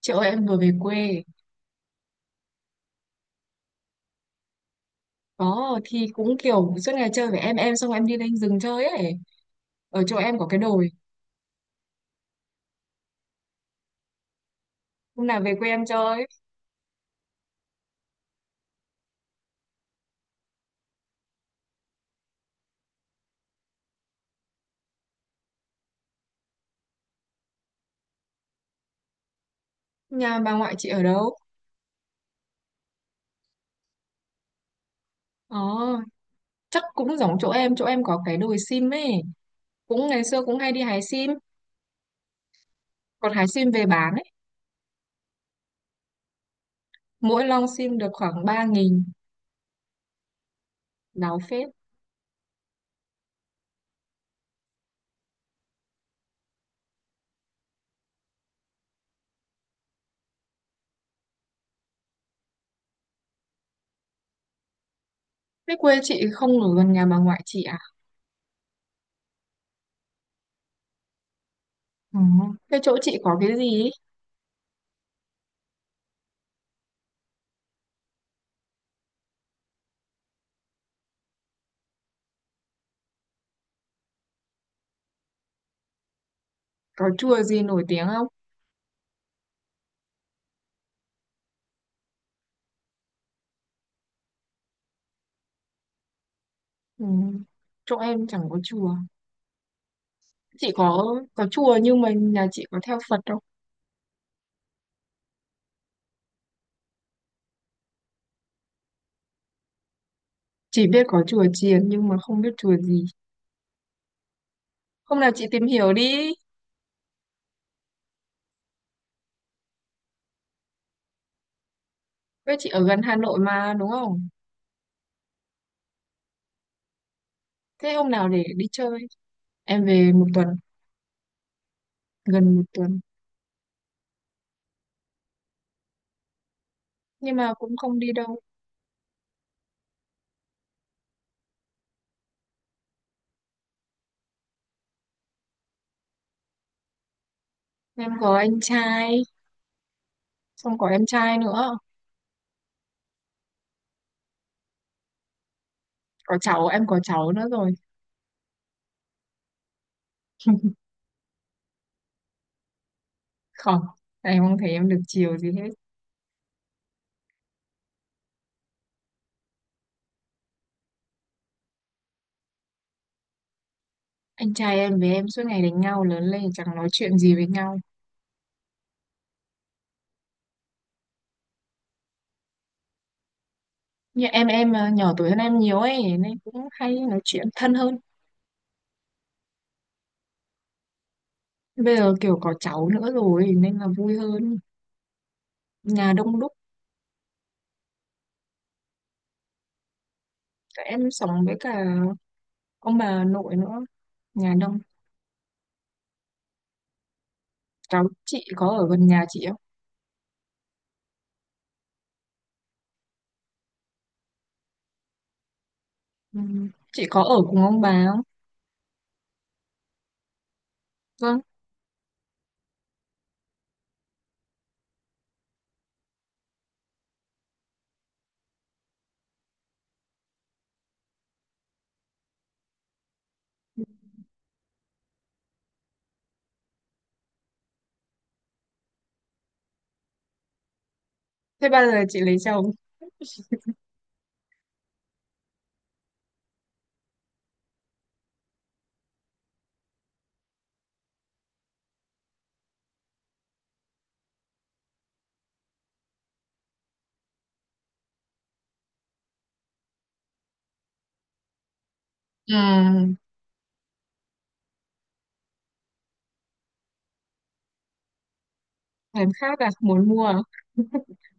Chị ơi, em vừa về quê. Có, thì cũng kiểu suốt ngày chơi với em. Xong em đi lên rừng chơi ấy. Ở chỗ em có cái đồi. Hôm nào về quê em chơi. Nhà bà ngoại chị ở đâu? Ờ, chắc cũng giống chỗ em. Chỗ em có cái đồi sim ấy. Cũng ngày xưa cũng hay đi hái sim. Còn hái sim về bán ấy. Mỗi lon sim được khoảng 3.000. Láo phết. Thế quê chị không ở gần nhà bà ngoại chị à? Ừ. Thế chỗ chị có cái gì ấy? Có chùa gì nổi tiếng không? Ừ. Chỗ em chẳng có chùa. Chị có chùa nhưng mà nhà chị có theo Phật không? Chỉ biết có chùa chiền nhưng mà không biết chùa gì. Hôm nào chị tìm hiểu đi. Với chị ở gần Hà Nội mà đúng không? Thế hôm nào để đi chơi. Em về một tuần, gần một tuần. Nhưng mà cũng không đi đâu. Em có anh trai, xong có em trai nữa. Có cháu, em có cháu nữa rồi. Không, em không thấy em được chiều gì hết. Anh trai em với em suốt ngày đánh nhau, lớn lên chẳng nói chuyện gì với nhau. Như em à, nhỏ tuổi hơn em nhiều ấy nên cũng hay nói chuyện thân hơn. Bây giờ kiểu có cháu nữa rồi nên là vui hơn. Nhà đông đúc, em sống với cả ông bà nội nữa, nhà đông. Cháu chị có ở gần nhà chị không? Ừ. Chị có ở cùng ông bà không? Vâng. Thế bao giờ chị lấy chồng? Ừ. Em khác à, muốn mua à?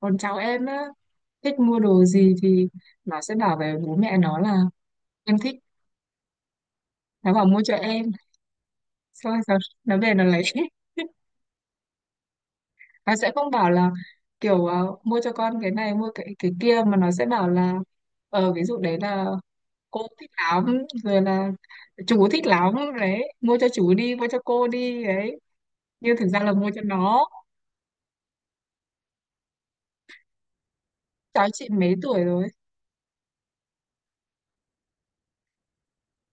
Còn cháu em á, thích mua đồ gì thì nó sẽ bảo về bố mẹ nó là em thích, nó bảo mua cho em. Xong rồi nó về nó lấy. Nó sẽ không bảo là kiểu mua cho con cái này, mua cái kia, mà nó sẽ bảo là ví dụ đấy là cô thích lắm, rồi là chú thích lắm, đấy mua cho chú đi, mua cho cô đi đấy, nhưng thực ra là mua cho nó. Cháu chị mấy tuổi rồi?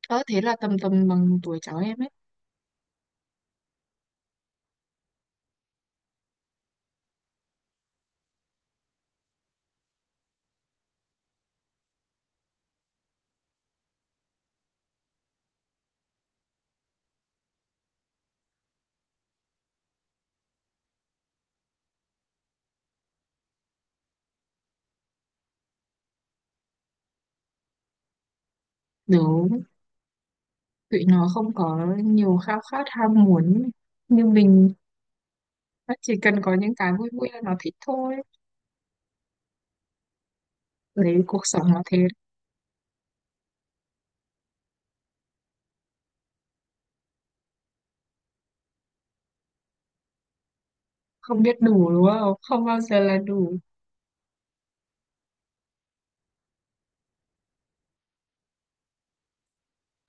Ờ thế là tầm tầm bằng tuổi cháu em ấy. Đúng, tụi nó không có nhiều khao khát ham muốn như mình. Nó chỉ cần có những cái vui vui là nó thích thôi. Đấy cuộc sống nó thế. Không biết đủ đúng không, không bao giờ là đủ.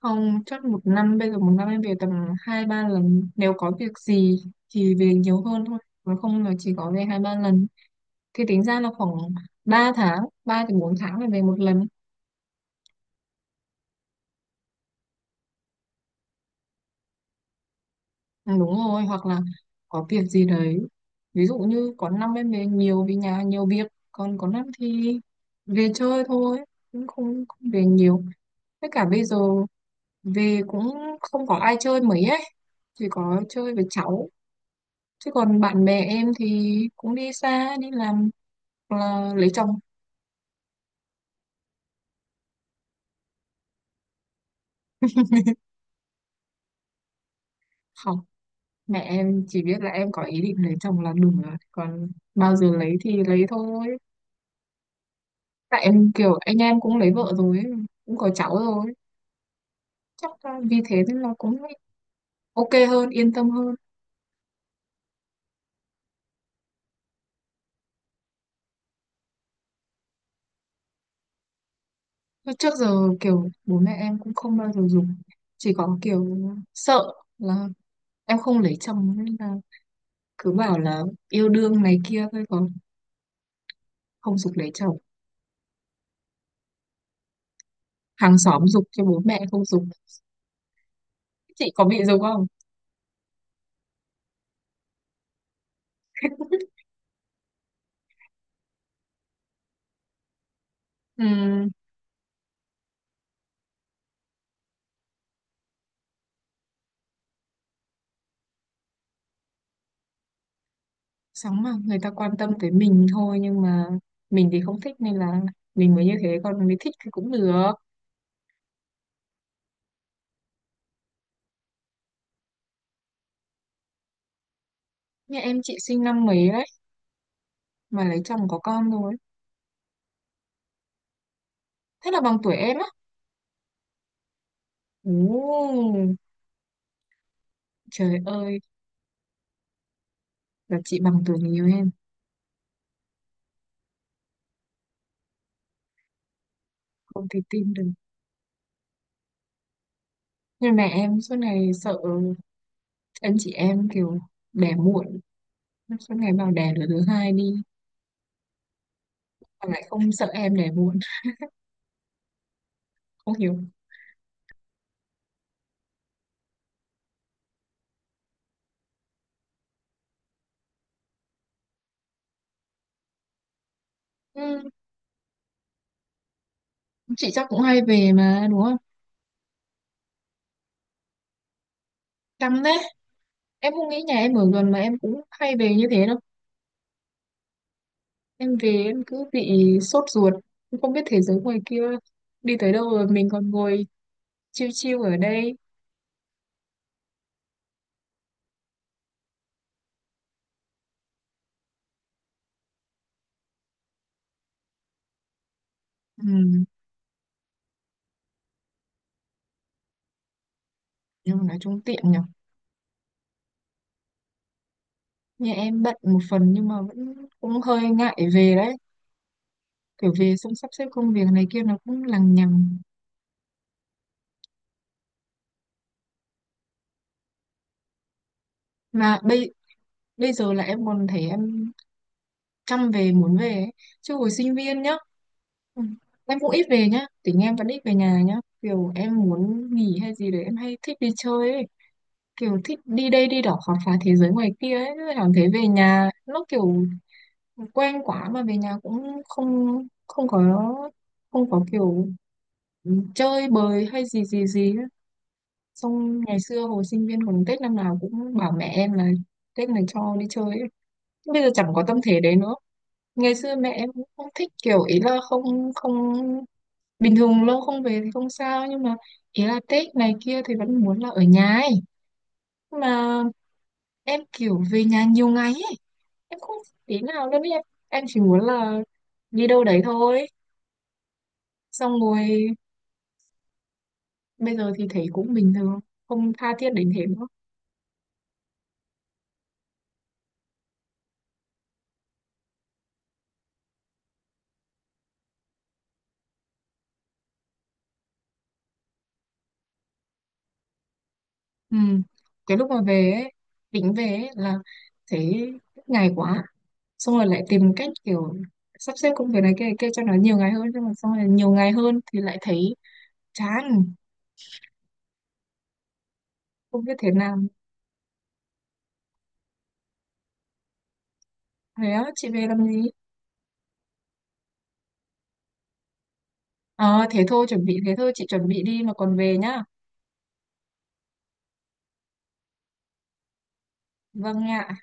Không, chắc một năm, bây giờ một năm em về tầm hai ba lần. Nếu có việc gì thì về nhiều hơn thôi. Còn không là chỉ có về hai ba lần. Thì tính ra là khoảng 3 tháng, 3 đến 4 tháng là về một lần. Ừ, đúng rồi, hoặc là có việc gì đấy. Ví dụ như có năm em về nhiều vì nhà nhiều việc, còn có năm thì về chơi thôi, cũng không về nhiều. Tất cả bây giờ về cũng không có ai chơi mấy ấy, chỉ có chơi với cháu. Chứ còn bạn bè em thì cũng đi xa, đi làm hoặc là lấy chồng. Không, mẹ em chỉ biết là em có ý định lấy chồng là đúng rồi. Còn bao giờ lấy thì lấy thôi. Tại em kiểu anh em cũng lấy vợ rồi ấy, cũng có cháu rồi. Chắc là vì thế nên là cũng ok hơn, yên tâm hơn. Mà trước giờ kiểu bố mẹ em cũng không bao giờ dùng. Chỉ có kiểu sợ là em không lấy chồng nên là cứ bảo là yêu đương này kia thôi, còn không giục lấy chồng. Hàng xóm giục cho, bố mẹ không giục. Chị có bị giống không? Ừm, sóng mà người ta quan tâm tới mình thôi, nhưng mà mình thì không thích nên là mình mới như thế, còn mình thích thì cũng được. Như em chị sinh năm mấy đấy mà lấy chồng có con rồi, thế là bằng tuổi em á. Ồ, trời ơi, là chị bằng tuổi nhiều em. Không thể tin được. Nhưng mẹ em suốt ngày sợ anh chị em kiểu đẻ muộn, suốt ngày bảo đẻ đứa thứ hai đi, mà lại không sợ em đẻ muộn. Không hiểu. Ừm, chị chắc cũng hay về mà đúng không? Căng đấy. Em không nghĩ nhà em ở gần mà em cũng hay về như thế đâu. Em về em cứ bị sốt ruột, em không biết thế giới ngoài kia đi tới đâu rồi, mình còn ngồi chiêu chiêu ở đây. Ừ, nhưng mà nói chung tiện nhở. Nhà em bận một phần nhưng mà vẫn cũng hơi ngại về đấy. Kiểu về xong sắp xếp công việc này kia nó cũng lằng nhằng. Mà bây bây giờ là em còn thấy em chăm về, muốn về ấy. Chứ hồi sinh viên nhá. Ừ, em cũng ít về nhá, tính em vẫn ít về nhà nhá. Kiểu em muốn nghỉ hay gì đấy em hay thích đi chơi ấy, kiểu thích đi đây đi đó khám phá thế giới ngoài kia ấy. Thế cảm thấy về nhà nó kiểu quen quá, mà về nhà cũng không, không có không có kiểu chơi bời hay gì gì gì ấy. Xong ngày xưa hồi sinh viên còn Tết năm nào cũng bảo mẹ em là Tết này cho đi chơi ấy. Bây giờ chẳng có tâm thế đấy nữa. Ngày xưa mẹ em cũng không thích kiểu, ý là không. Bình thường lâu không về thì không sao, nhưng mà ý là Tết này kia thì vẫn muốn là ở nhà ấy. Mà em kiểu về nhà nhiều ngày ấy, em không tí nào luôn ý. Em chỉ muốn là đi đâu đấy thôi. Xong rồi bây giờ thì thấy cũng bình thường, không tha thiết đến thế nữa. Ừ. Cái lúc mà về ấy, tính về ấy là thấy ngày quá, xong rồi lại tìm cách kiểu sắp xếp công việc này kia cho nó nhiều ngày hơn, nhưng mà xong rồi nhiều ngày hơn thì lại thấy chán. Không biết thế nào. Thế á, chị về làm gì? Ờ thế thôi, chuẩn bị thế thôi, chị chuẩn bị đi mà còn về nhá. Vâng ạ.